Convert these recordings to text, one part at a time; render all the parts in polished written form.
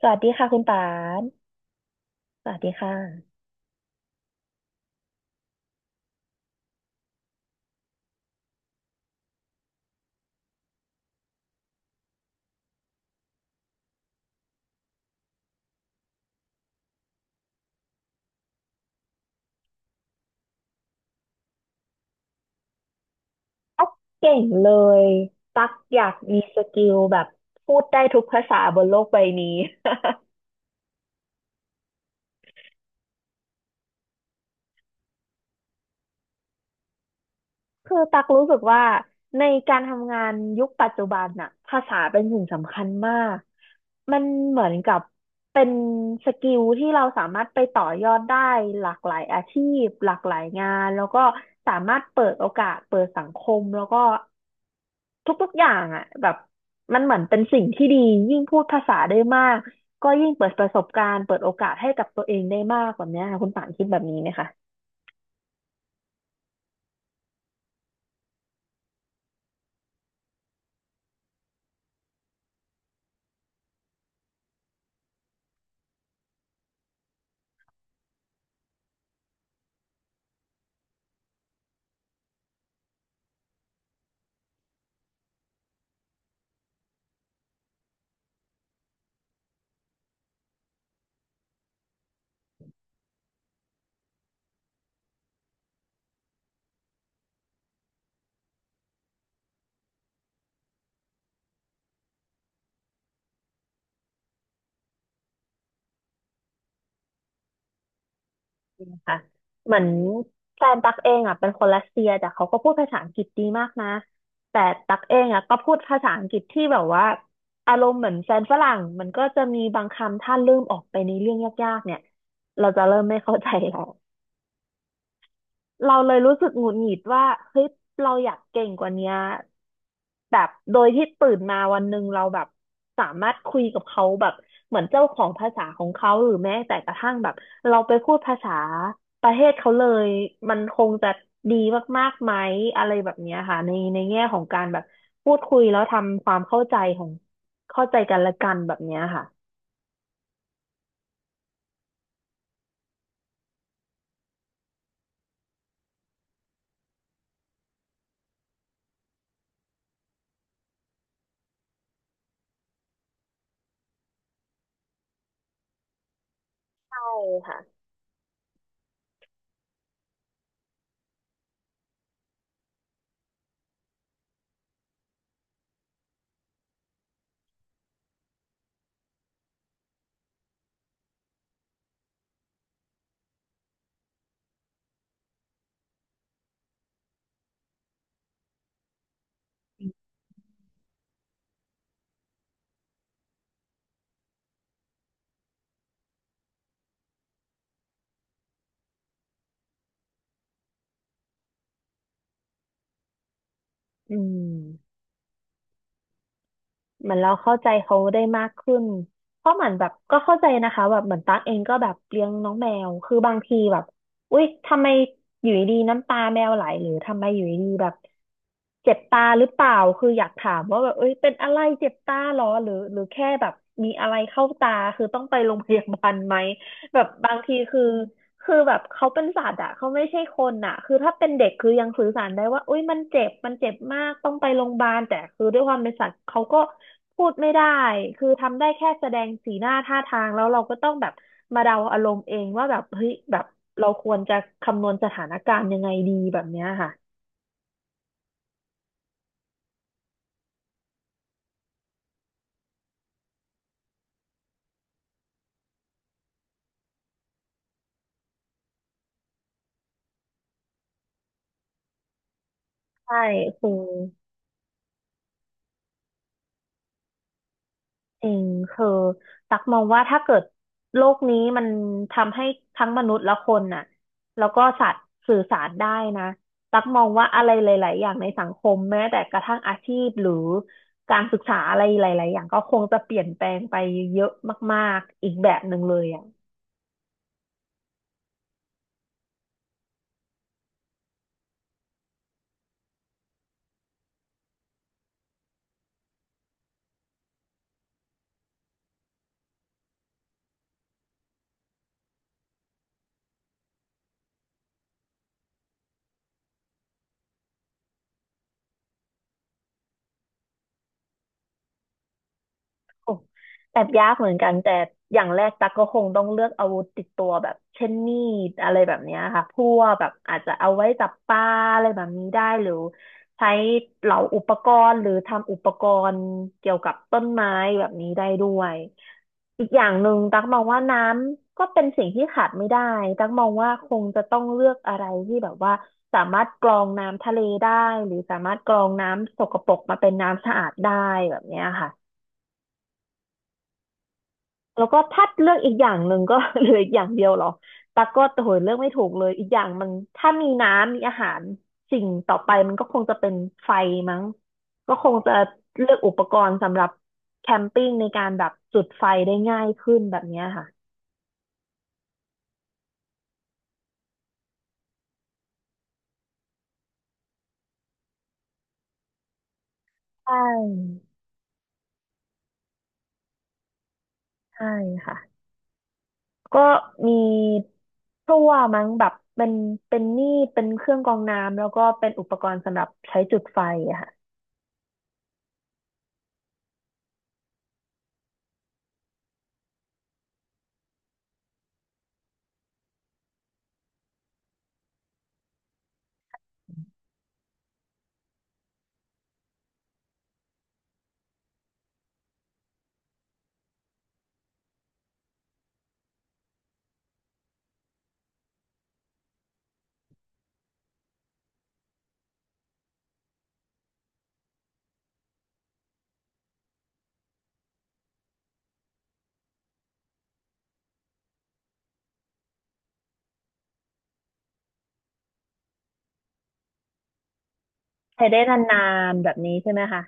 สวัสดีค่ะคุณปานสวัสดีค่ะตั๊กเก่งเลยตั๊กอยากมีสกิลแบบพูดได้ทุกภาษาบนโลกใบนี้ คือตักรู้สึกว่าในการทำงานยุคปัจจุบันน่ะภาษาเป็นสิ่งสำคัญมากมันเหมือนกับเป็นสกิลที่เราสามารถไปต่อยอดได้หลากหลายอาชีพหลากหลายงานแล้วก็สามารถเปิดโอกาสเปิดสังคมแล้วก็ทุกๆอย่างอ่ะแบบมันเหมือนเป็นสิ่งที่ดียิ่งพูดภาษาได้มากก็ยิ่งเปิดประสบการณ์เปิดโอกาสให้กับตัวเองได้มากแบบเนี้ยค่ะคุณป่านคิดแบบนี้ไหมคะ นะคะเหมือนแฟนตักเองอ่ะเป็นคนรัสเซียแต่เขาก็พูดภาษาอังกฤษดีมากนะแต่ตักเองอ่ะก็พูดภาษาอังกฤษที่แบบว่าอารมณ์เหมือนแฟนฝรั่งมันก็จะมีบางคำถ้าลืมออกไปในเรื่องยากๆเนี่ยเราจะเริ่มไม่เข้าใจแล้ว เราเลยรู้สึกหงุดหงิดว่าเฮ้ยเราอยากเก่งกว่าเนี้ยแบบโดยที่ตื่นมาวันหนึ่งเราแบบสามารถคุยกับเขาแบบเหมือนเจ้าของภาษาของเขาหรือแม้แต่กระทั่งแบบเราไปพูดภาษาประเทศเขาเลยมันคงจะดีมากๆไหมอะไรแบบเนี้ยค่ะในแง่ของการแบบพูดคุยแล้วทำความเข้าใจของเข้าใจกันและกันแบบเนี้ยค่ะใช่ค่ะอืม เหมือนเราเข้าใจเขาได้มากขึ้นเพราะเหมือนแบบก็เข้าใจนะคะแบบเหมือนตั๊กเองก็แบบเลี้ยงน้องแมวคือบางทีแบบอุ๊ยทำไมอยู่ดีๆน้ำตาแมวไหลหรือทำไมอยู่ดีๆแบบเจ็บตาหรือเปล่าคืออยากถามว่าแบบเอ้ยเป็นอะไรเจ็บตาเหรอหรือแค่แบบมีอะไรเข้าตาคือต้องไปโรงพยาบาลไหมแบบบางทีคือ คือแบบเขาเป็นสัตว์อะเขาไม่ใช่คนอะคือถ้าเป็นเด็กคือยังสื่อสารได้ว่าอุ้ยมันเจ็บมันเจ็บมากต้องไปโรงพยาบาลแต่คือด้วยความเป็นสัตว์เขาก็พูดไม่ได้คือทำได้แค่แสดงสีหน้าท่าทางแล้วเราก็ต้องแบบมาเดาอารมณ์เองว่าแบบเฮ้ยแบบเราควรจะคำนวณสถานการณ์ยังไงดีแบบเนี้ยค่ะใช่คือ จริงคือตักมองว่าถ้าเกิดโลกนี้มันทำให้ทั้งมนุษย์และคนน่ะแล้วก็สัตว์สื่อสารได้นะตักมองว่าอะไรหลายๆอย่างในสังคมแม้แต่กระทั่งอาชีพหรือการศึกษาอะไรหลายๆอย่างก็คงจะเปลี่ยนแปลงไปเยอะมากๆอีกแบบหนึ่งเลยอ่ะ โอ้แอบยากเหมือนกันแต่อย่างแรกตักก็คงต้องเลือกอาวุธติดตัวแบบเช่นมีดอะไรแบบเนี้ยค่ะพวกแบบอาจจะเอาไว้จับปลาอะไรแบบนี้ได้หรือใช้เหลาอุปกรณ์หรือทำอุปกรณ์เกี่ยวกับต้นไม้แบบนี้ได้ด้วยอีกอย่างหนึ่งตักมองว่าน้ำก็เป็นสิ่งที่ขาดไม่ได้ตักมองว่าคงจะต้องเลือกอะไรที่แบบว่าสามารถกรองน้ำทะเลได้หรือสามารถกรองน้ำสกปรกมาเป็นน้ำสะอาดได้แบบเนี้ยค่ะ แล้วก็ถ้าเลือกอีกอย่างหนึ่งก็ เหลืออีกอย่างเดียวเหรอตั๊กก็โหยเลือกไม่ถูกเลยอีกอย่างมันถ้ามีน้ำมีอาหารสิ่งต่อไปมันก็คงจะเป็นไฟมั้งก็คงจะเลือกอุปกรณ์สำหรับแคมปิ้งในการแบบจุดไฟได้ง่ายขึ้นแบบเนี้ยค่ะใช่ใช่ค่ะก็มีพลั่วมั้งแบบเป็นนี่เป็นเครื่องกรองน้ำแล้วก็เป็นอุปกรณ์สำหรับใช้จุดไฟอะค่ะใช้ได้นานๆแบบนี้ใช่ไหมคะ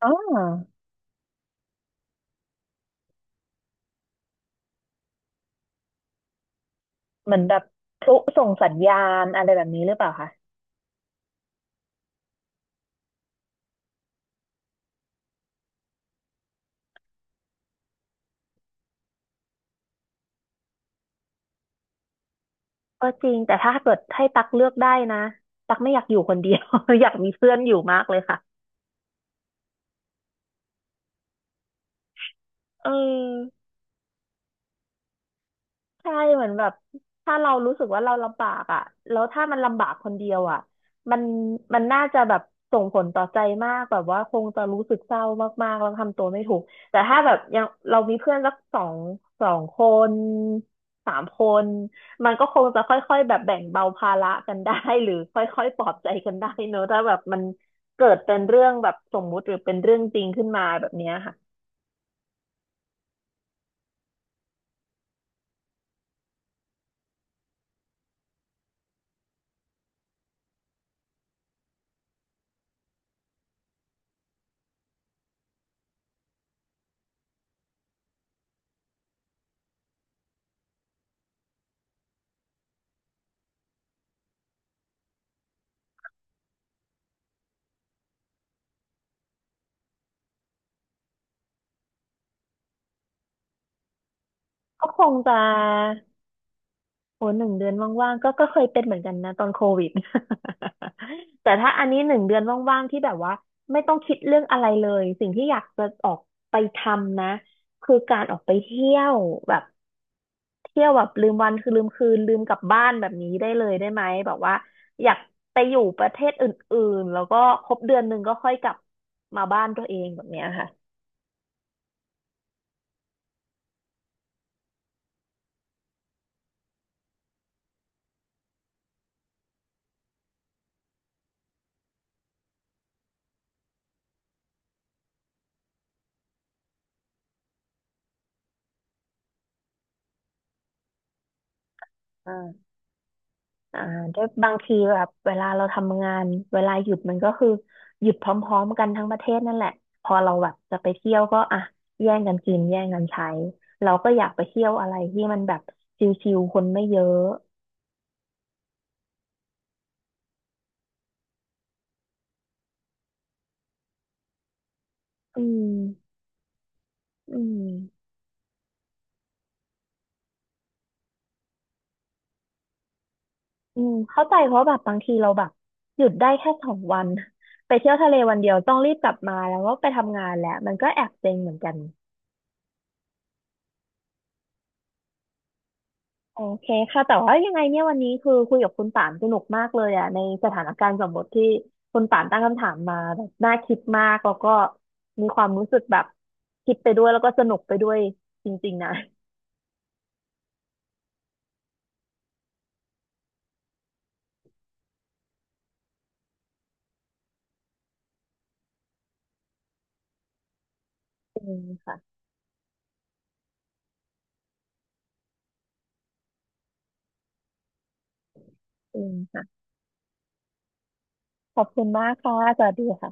อ๋อ เหมือนแบบพลุส่งสัญญาณอะไรแบบนี้หรือเปล่าคะก็จริงแต่ถ้าเกิดให้ตักเลือกได้นะตักไม่อยากอยู่คนเดียว อยากมีเพื่อนอยู่มากเลยค่ะเออ ใช่เหมือนแบบถ้าเรารู้สึกว่าเราลำบากอ่ะแล้วถ้ามันลำบากคนเดียวอ่ะมันมันน่าจะแบบส่งผลต่อใจมากแบบว่าคงจะรู้สึกเศร้ามากๆแล้วทำตัวไม่ถูกแต่ถ้าแบบยังเรามีเพื่อนสักสองสองคนสามคนมันก็คงจะค่อยๆแบบแบ่งเบาภาระกันได้ หรือค่อยๆปลอบใจกันได้เนอะถ้าแบบมันเกิดเป็นเรื่องแบบสมมุติหรือเป็นเรื่องจริงขึ้นมาแบบเนี้ยค่ะก็คงจะ โอ้หนึ่งเดือนว่างๆก็เคยเป็นเหมือนกันนะตอนโควิด แต่ถ้าอันนี้หนึ่งเดือนว่างๆที่แบบว่าไม่ต้องคิดเรื่องอะไรเลย สิ่งที่อยากจะออกไปทำนะคือการออกไปเที่ยวแบบเที่ยวแบบลืมวันคือลืมคืนลืมกลับบ้านแบบนี้ได้เลยได้ไหมแบบว่าอยากไปอยู่ประเทศอื่นๆแล้วก็ครบเดือนหนึ่งก็ค่อยกลับมาบ้านตัวเองแบบเนี้ยค่ะ อ่าด้วยบางทีแบบเวลาเราทำงานเวลาหยุดมันก็คือหยุดพร้อมๆกันทั้งประเทศนั่นแหละพอเราแบบจะไปเที่ยวก็อ่ะแย่งกันกินแย่งกันใช้เราก็อยากไปเที่ยวอะไรที่มันแบบชิลๆคนไม่เยอะอืมอืมอืมเข้าใจเพราะแบบบางทีเราแบบหยุดได้แค่สองวันไปเที่ยวทะเลวันเดียวต้องรีบกลับมาแล้วก็ไปทำงานแล้วมันก็แอบเซ็งเหมือนกัน โอเคค่ะแต่ว่ายังไงเนี่ยวันนี้คือคุยกับคุณป่านสนุกมากเลยอ่ะในสถานการณ์สมมติที่คุณป่านตั้งคำถามมาแบบน่าคิดมากแล้วก็มีความรู้สึกแบบคิดไปด้วยแล้วก็สนุกไปด้วยจริงๆนะอืมค่ะอืมค่ะขอบคุณมากค่ะสวัสดีค่ะ